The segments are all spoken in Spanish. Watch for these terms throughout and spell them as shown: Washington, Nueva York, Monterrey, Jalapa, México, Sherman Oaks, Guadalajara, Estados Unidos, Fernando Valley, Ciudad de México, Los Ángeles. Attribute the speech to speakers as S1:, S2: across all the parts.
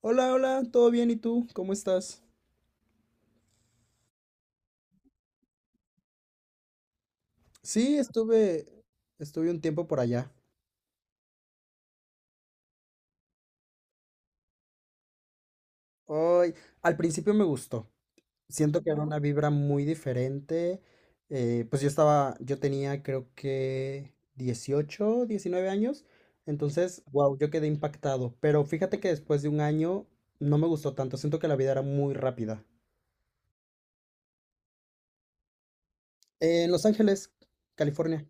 S1: Hola, hola, ¿todo bien? ¿Y tú? ¿Cómo estás? Sí, estuve un tiempo por allá. Hoy, al principio me gustó. Siento que era una vibra muy diferente. Pues yo tenía creo que 18 19 años. Entonces, wow, yo quedé impactado. Pero fíjate que después de un año no me gustó tanto. Siento que la vida era muy rápida. En Los Ángeles, California.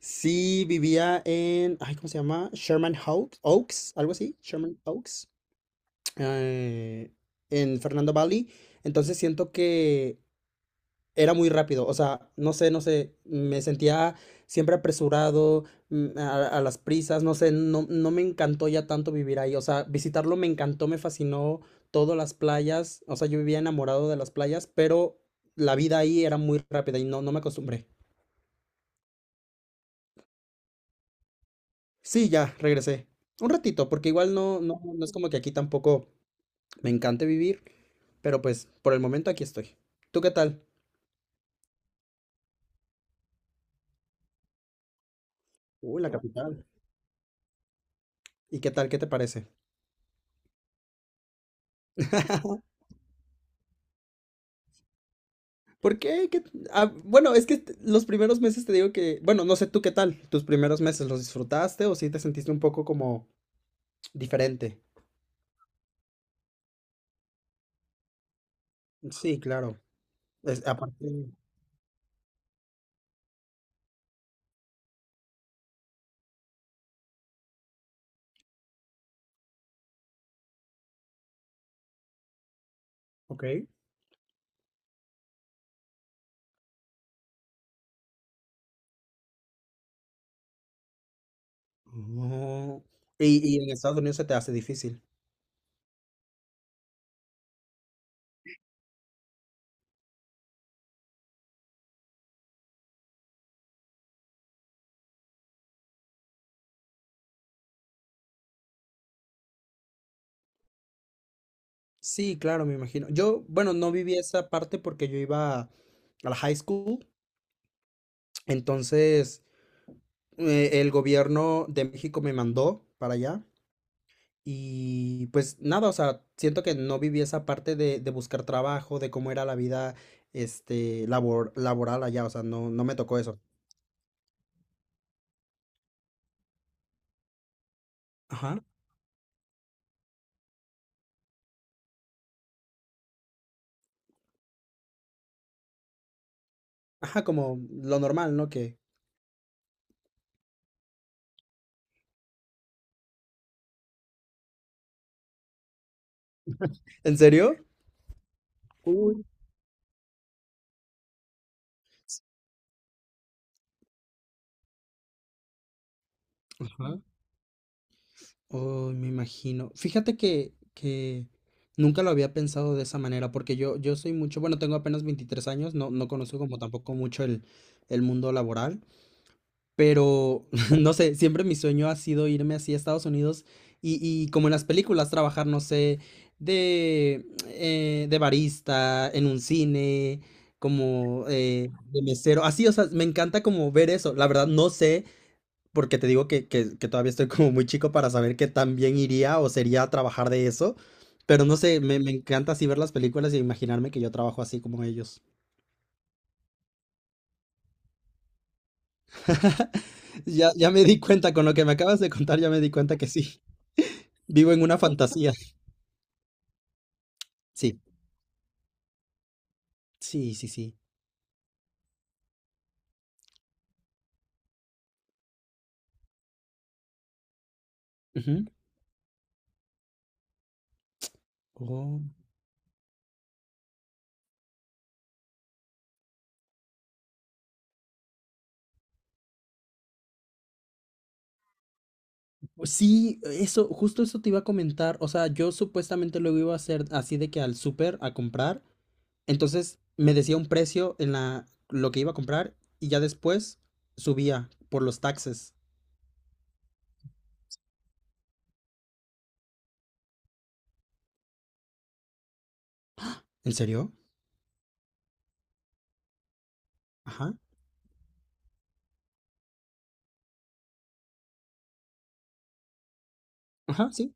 S1: Sí, vivía en, ay, ¿cómo se llama? Oaks, algo así, Sherman Oaks. eh, en Fernando Valley. Entonces siento que era muy rápido. O sea, no sé, no sé. Me sentía siempre apresurado, a las prisas. No sé, no, no me encantó ya tanto vivir ahí. O sea, visitarlo me encantó, me fascinó. Todas las playas. O sea, yo vivía enamorado de las playas, pero la vida ahí era muy rápida y no, no me acostumbré. Sí, ya, regresé. Un ratito, porque igual no, no, no es como que aquí tampoco me encante vivir, pero pues por el momento aquí estoy. ¿Tú qué tal? Uy, la capital. ¿Y qué tal? ¿Qué te parece? ¿Por qué? Ah, bueno, los primeros meses te digo que, bueno, no sé tú qué tal. ¿Tus primeros meses los disfrutaste o sí te sentiste un poco como diferente? Sí, claro. Es, aparte, ok. Oh. Y en Estados Unidos se te hace difícil. Sí, claro, me imagino. Yo, bueno, no viví esa parte porque yo iba a la high school, entonces el gobierno de México me mandó para allá. Y pues nada, o sea, siento que no viví esa parte de buscar trabajo, de cómo era la vida, este, labor, laboral allá, o sea, no, no me tocó eso. Ajá. Ajá, como lo normal, ¿no? Que, ¿en serio? Uy. Ajá. Uy, me imagino. Fíjate que nunca lo había pensado de esa manera, porque yo soy mucho, bueno, tengo apenas 23 años, no, no conozco como tampoco mucho el mundo laboral. Pero, no sé, siempre mi sueño ha sido irme así a Estados Unidos y como en las películas, trabajar, no sé, de barista, en un cine, como de mesero, así, o sea, me encanta como ver eso. La verdad, no sé, porque te digo que todavía estoy como muy chico para saber que también iría o sería a trabajar de eso. Pero no sé, me encanta así ver las películas y imaginarme que yo trabajo así como ellos. Ya, ya me di cuenta, con lo que me acabas de contar, ya me di cuenta que sí, vivo en una fantasía. Sí, sí, sí, sí. Ujú. Oh, sí, eso, justo eso te iba a comentar. O sea, yo supuestamente luego iba a hacer así de que al súper a comprar. Entonces me decía un precio en la lo que iba a comprar y ya después subía por los taxes. ¿En serio? Ajá. Ajá, sí.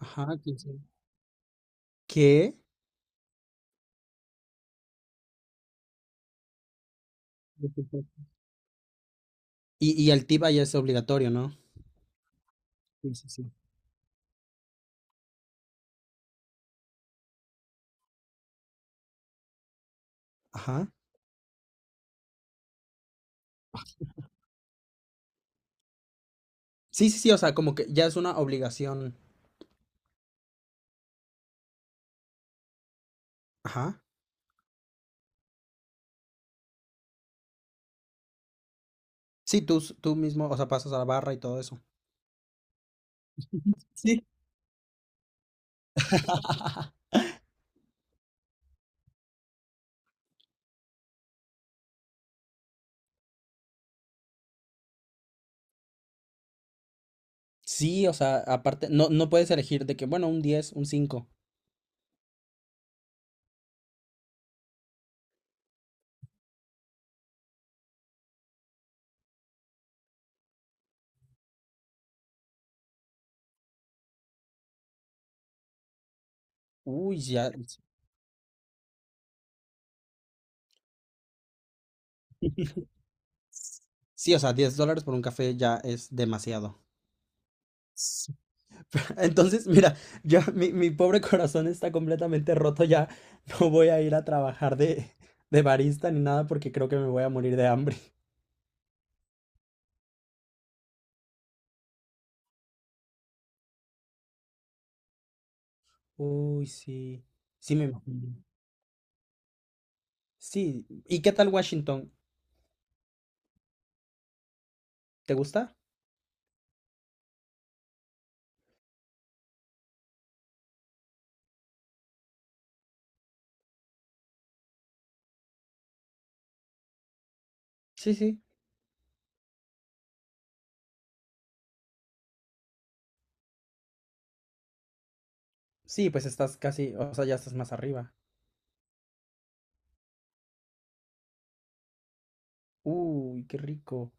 S1: Ajá, quién sabe. ¿Qué? Sí, sí, sí. Y el tip ya es obligatorio, ¿no? Sí, sí, sí. Ajá. Sí, sí, sí, o sea, como que ya es una obligación. Ajá. Sí, tú mismo, o sea, pasas a la barra y todo eso. Sí. Sí, o sea, aparte, no, no puedes elegir de que, bueno, un diez, un cinco. Uy, ya. Sí, o sea, $10 por un café ya es demasiado. Sí. Entonces, mira, yo, mi pobre corazón está completamente roto ya. No voy a ir a trabajar de barista ni nada porque creo que me voy a morir de hambre. Uy, sí. Sí, me imagino. Sí. ¿Y qué tal Washington? ¿Te gusta? Sí, sí. Sí, pues estás casi, o sea, ya estás más arriba. Uy, qué rico.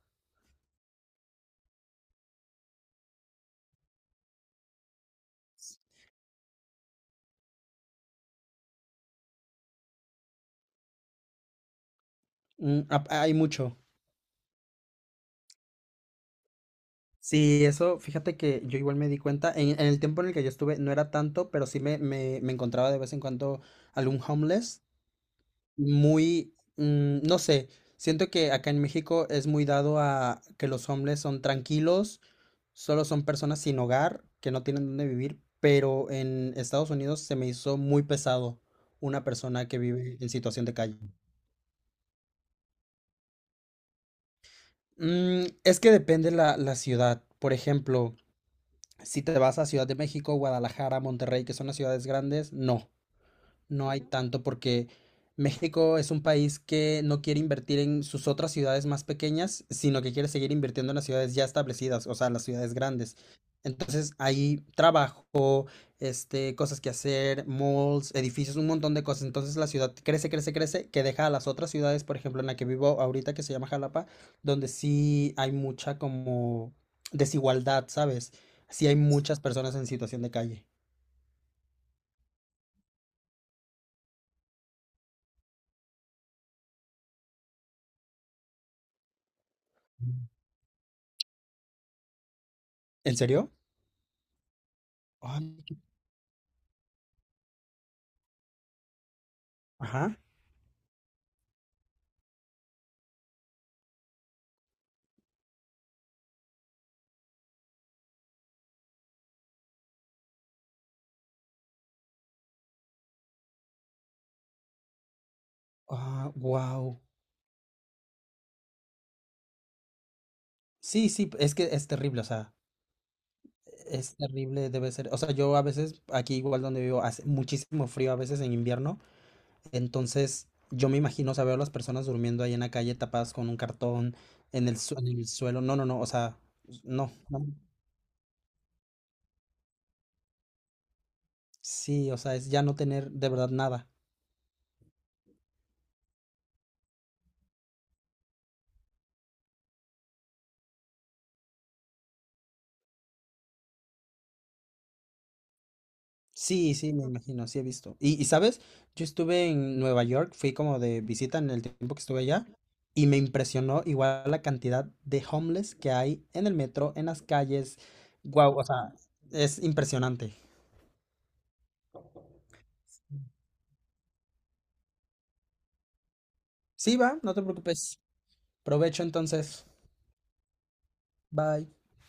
S1: Hay mucho. Sí, eso, fíjate que yo igual me di cuenta, en el tiempo en el que yo estuve no era tanto, pero sí me encontraba de vez en cuando algún homeless, muy, no sé, siento que acá en México es muy dado a que los homeless son tranquilos, solo son personas sin hogar, que no tienen dónde vivir, pero en Estados Unidos se me hizo muy pesado una persona que vive en situación de calle. Es que depende la ciudad. Por ejemplo, si te vas a Ciudad de México, Guadalajara, Monterrey, que son las ciudades grandes, no hay tanto porque México es un país que no quiere invertir en sus otras ciudades más pequeñas, sino que quiere seguir invirtiendo en las ciudades ya establecidas, o sea, las ciudades grandes. Entonces hay trabajo, este, cosas que hacer, malls, edificios, un montón de cosas. Entonces la ciudad crece, crece, crece, que deja a las otras ciudades, por ejemplo, en la que vivo ahorita, que se llama Jalapa, donde sí hay mucha como desigualdad, ¿sabes? Sí hay muchas personas en situación de calle. ¿En serio? Ay, qué- Ajá. Ah, wow. Sí, sí, es que es terrible, o sea, es terrible, debe ser. O sea, yo a veces, aquí igual donde vivo, hace muchísimo frío a veces en invierno, entonces yo me imagino, o sea, veo a las personas durmiendo ahí en la calle tapadas con un cartón en el, en el suelo. No, no, no, o sea, no, no. Sí, o sea, es ya no tener de verdad nada. Sí, sí, me imagino, sí he visto. Y sabes, yo estuve en Nueva York, fui como de visita en el tiempo que estuve allá y me impresionó igual la cantidad de homeless que hay en el metro, en las calles. Guau, o sea, es impresionante. Sí, va, no te preocupes. Provecho entonces. Bye.